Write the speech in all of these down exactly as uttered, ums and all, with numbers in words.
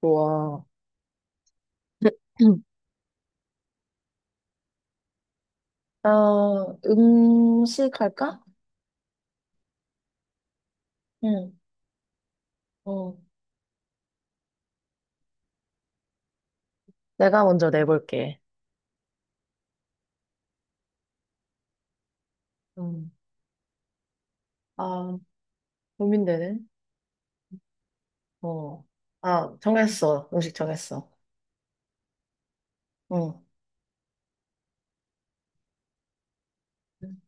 좋아. 아, 음식 할까? 응, 어, 내가 먼저 내볼게. 응. 아, 고민되네. 어. 아, 정했어. 음식 정했어. 응. 음.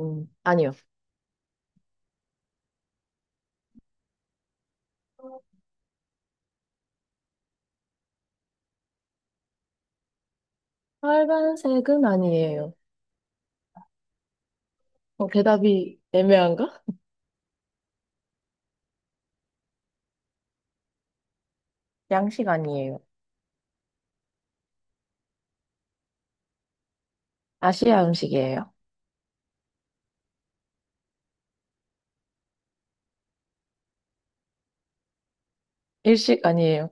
음, 아니요. 빨간색은 아니에요. 어, 대답이 애매한가? 양식 아니에요. 아시아 음식이에요. 일식 아니에요.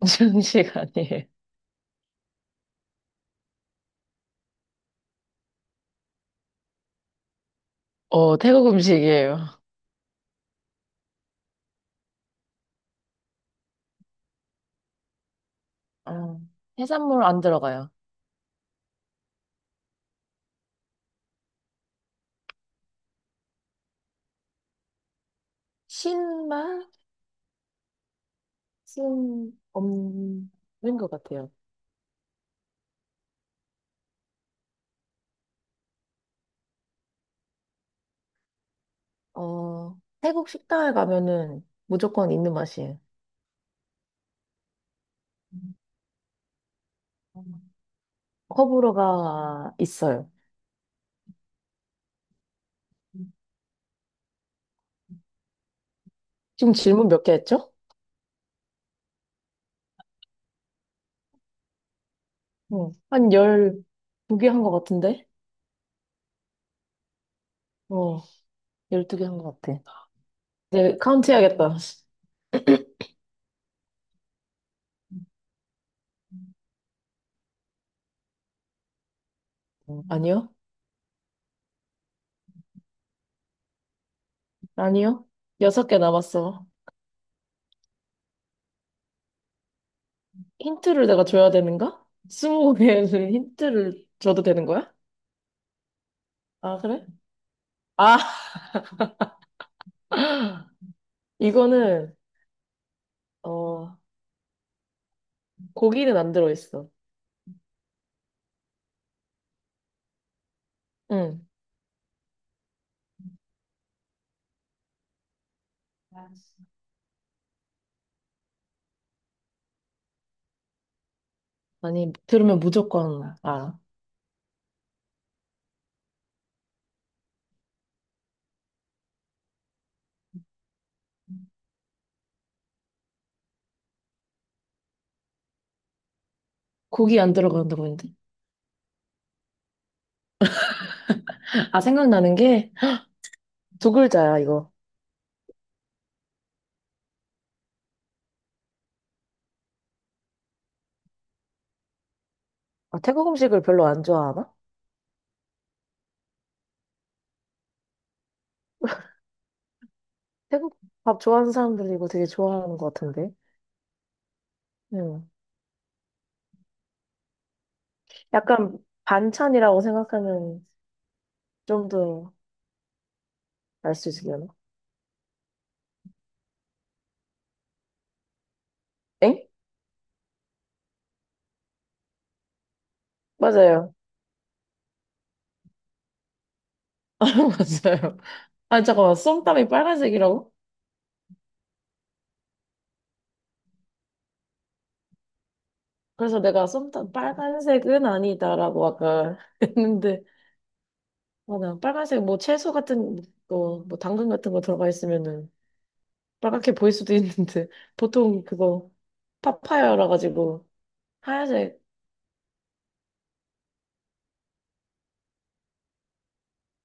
중식 아니에요. 어, 태국 음식이에요. 어. 해산물 안 들어가요. 신맛? 음, 없는 것 같아요. 어, 태국 식당에 가면은 무조건 있는 맛이에요. 커브로가 있어요. 지금 질문 몇 개 했죠? 응. 한 열두 개 한 것 같은데? 어, 열두 개 한 것 같아. 이제 카운트 해야겠다. 음, 아니요? 아니요? 여섯 개 남았어. 힌트를 내가 줘야 되는가? 스무 개는 힌트를 줘도 되는 거야? 아, 그래? 아, 이거는, 어, 고기는 안 들어있어. 응. 아니, 들으면 무조건 알아. 고기 안 들어간다고 했는데. 아, 생각나는 게 두 글자야, 이거. 아, 태국 음식을 별로 안 좋아하나? 태국 밥 좋아하는 사람들이 이거 되게 좋아하는 것 같은데. 응. 약간 반찬이라고 생각하면 좀 더 알 수 있으려나? 엥? 맞아요. 맞아요. 아, 잠깐만. 쏨땀이 빨간색이라고? 그래서 내가 쏨땀 빨간색은 아니다라고 아까 했는데 맞아. 빨간색 뭐 채소 같은 거, 뭐 당근 같은 거 들어가 있으면은 빨갛게 보일 수도 있는데 보통 그거 파파야라 가지고 하얀색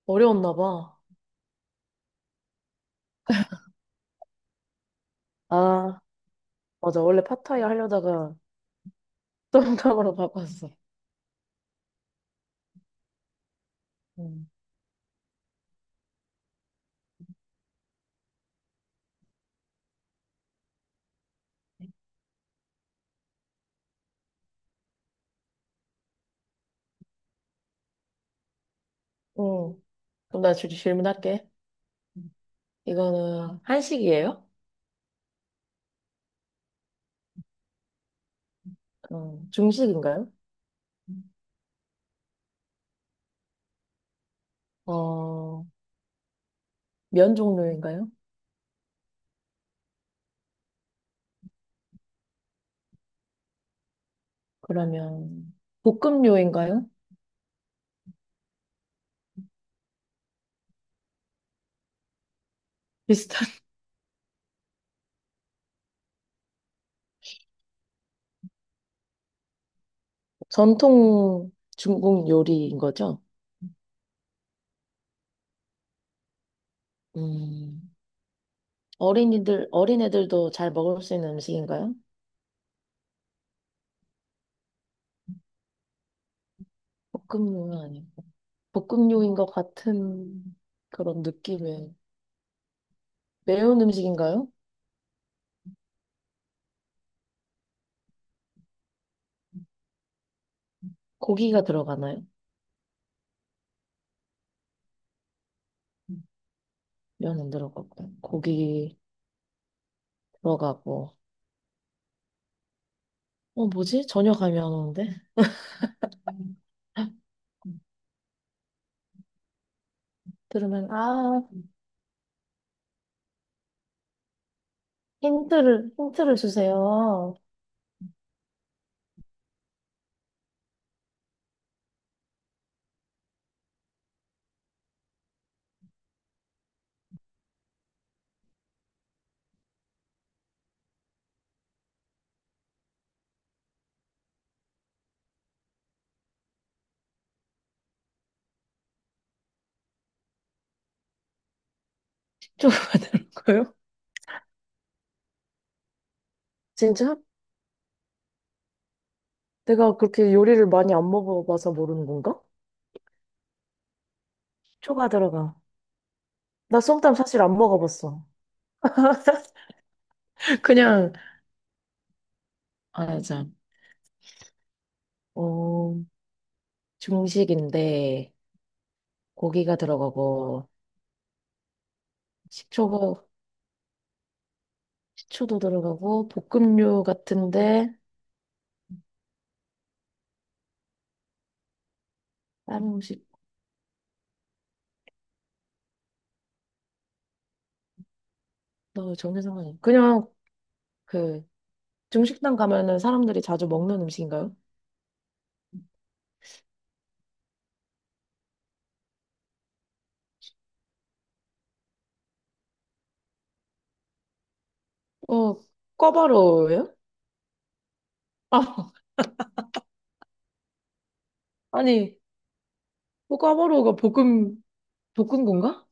어려웠나 봐. 아, 맞아. 원래 파타야 하려다가 똥감으로 바꿨어. 음, 응. 응. 그럼 나 질- 질문할게. 이거는 한식이에요? 어, 중식인가요? 어, 면 종류인가요? 그러면 볶음료인가요? 비슷한 전통 중국 요리인 거죠? 음, 어린이들, 어린애들도 잘 먹을 수 있는 음식인가요? 볶음요는 아니고. 볶음요인 것 같은 그런 느낌의 매운 음식인가요? 고기가 들어가나요? 음, 면은 들어가고, 고기 들어가고. 어, 뭐지? 전혀 감이 안 오는데? 들으면, 아, 힌트를, 힌트를 주세요. 식초가 들어가요? 진짜? 내가 그렇게 요리를 많이 안 먹어봐서 모르는 건가? 초가 들어가. 나 쏨땀 사실 안 먹어봤어. 그냥, 아, 참. 어, 중식인데, 고기가 들어가고, 식초가, 식초도 들어가고, 볶음류 같은데, 다른 음식, 너 전혀 상관이. 그냥, 그, 중식당 가면은 사람들이 자주 먹는 음식인가요? 어, 꿔바로우예요? 아, 아니, 뭐 꿔바로우가 볶음, 볶은 건가?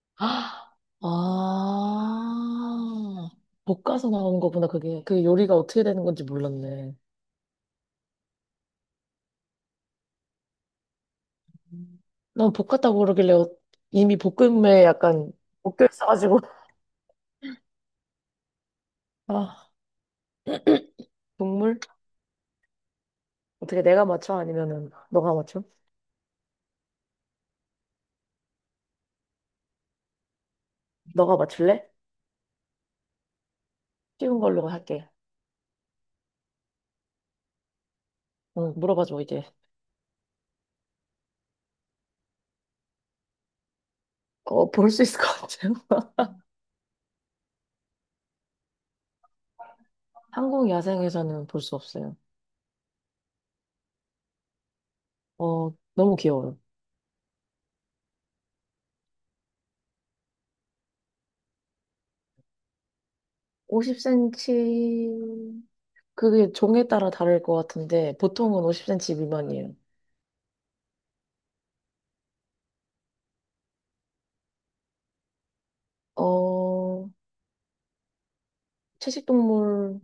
아, 아, 볶아서 나오는 거구나, 그게. 그 요리가 어떻게 되는 건지 몰랐네. 난 볶았다 그러길래 어- 이미 볶음에 약간 묶여 있어가지고. 아, 국물? 어떻게 내가 맞춰? 아니면은 너가 맞춰? 너가 맞출래? 쉬운 걸로 할게. 응, 물어봐줘, 이제. 어, 볼 수 있을 것 같아요? 한국 야생에서는 볼 수 없어요. 어, 너무 귀여워요. 오십 센티미터, 그게 종에 따라 다를 것 같은데, 보통은 오십 센티미터 미만이에요. 어, 채식동물일걸요?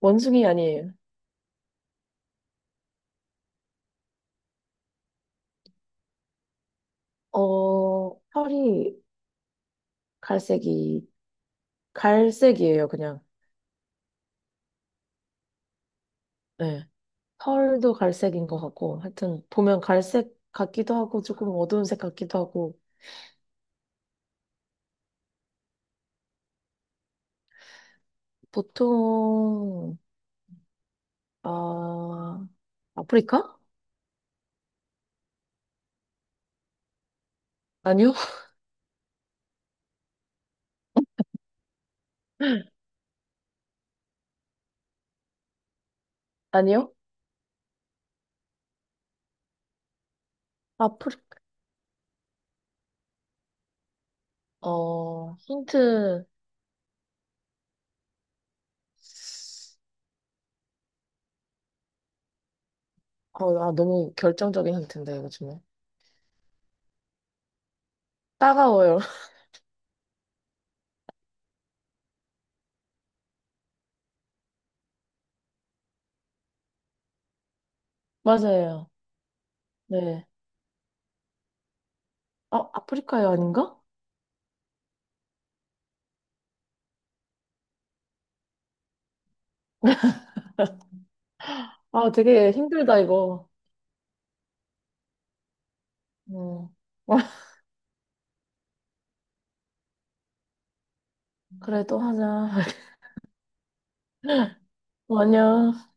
원숭이 아니에요. 어, 털이 갈색이, 갈색이에요, 그냥. 네. 펄도 갈색인 것 같고, 하여튼, 보면 갈색 같기도 하고, 조금 어두운 색 같기도 하고, 보통, 아, 아프리카? 아니요? 아니요? 아프리카, 어, 힌트, 어, 아, 너무 결정적인 힌트인데, 이거 정말. 따가워요. 맞아요. 네. 어, 아프리카요, 아닌가? 아, 되게 힘들다, 이거. 음. 그래도 하자. 아니야.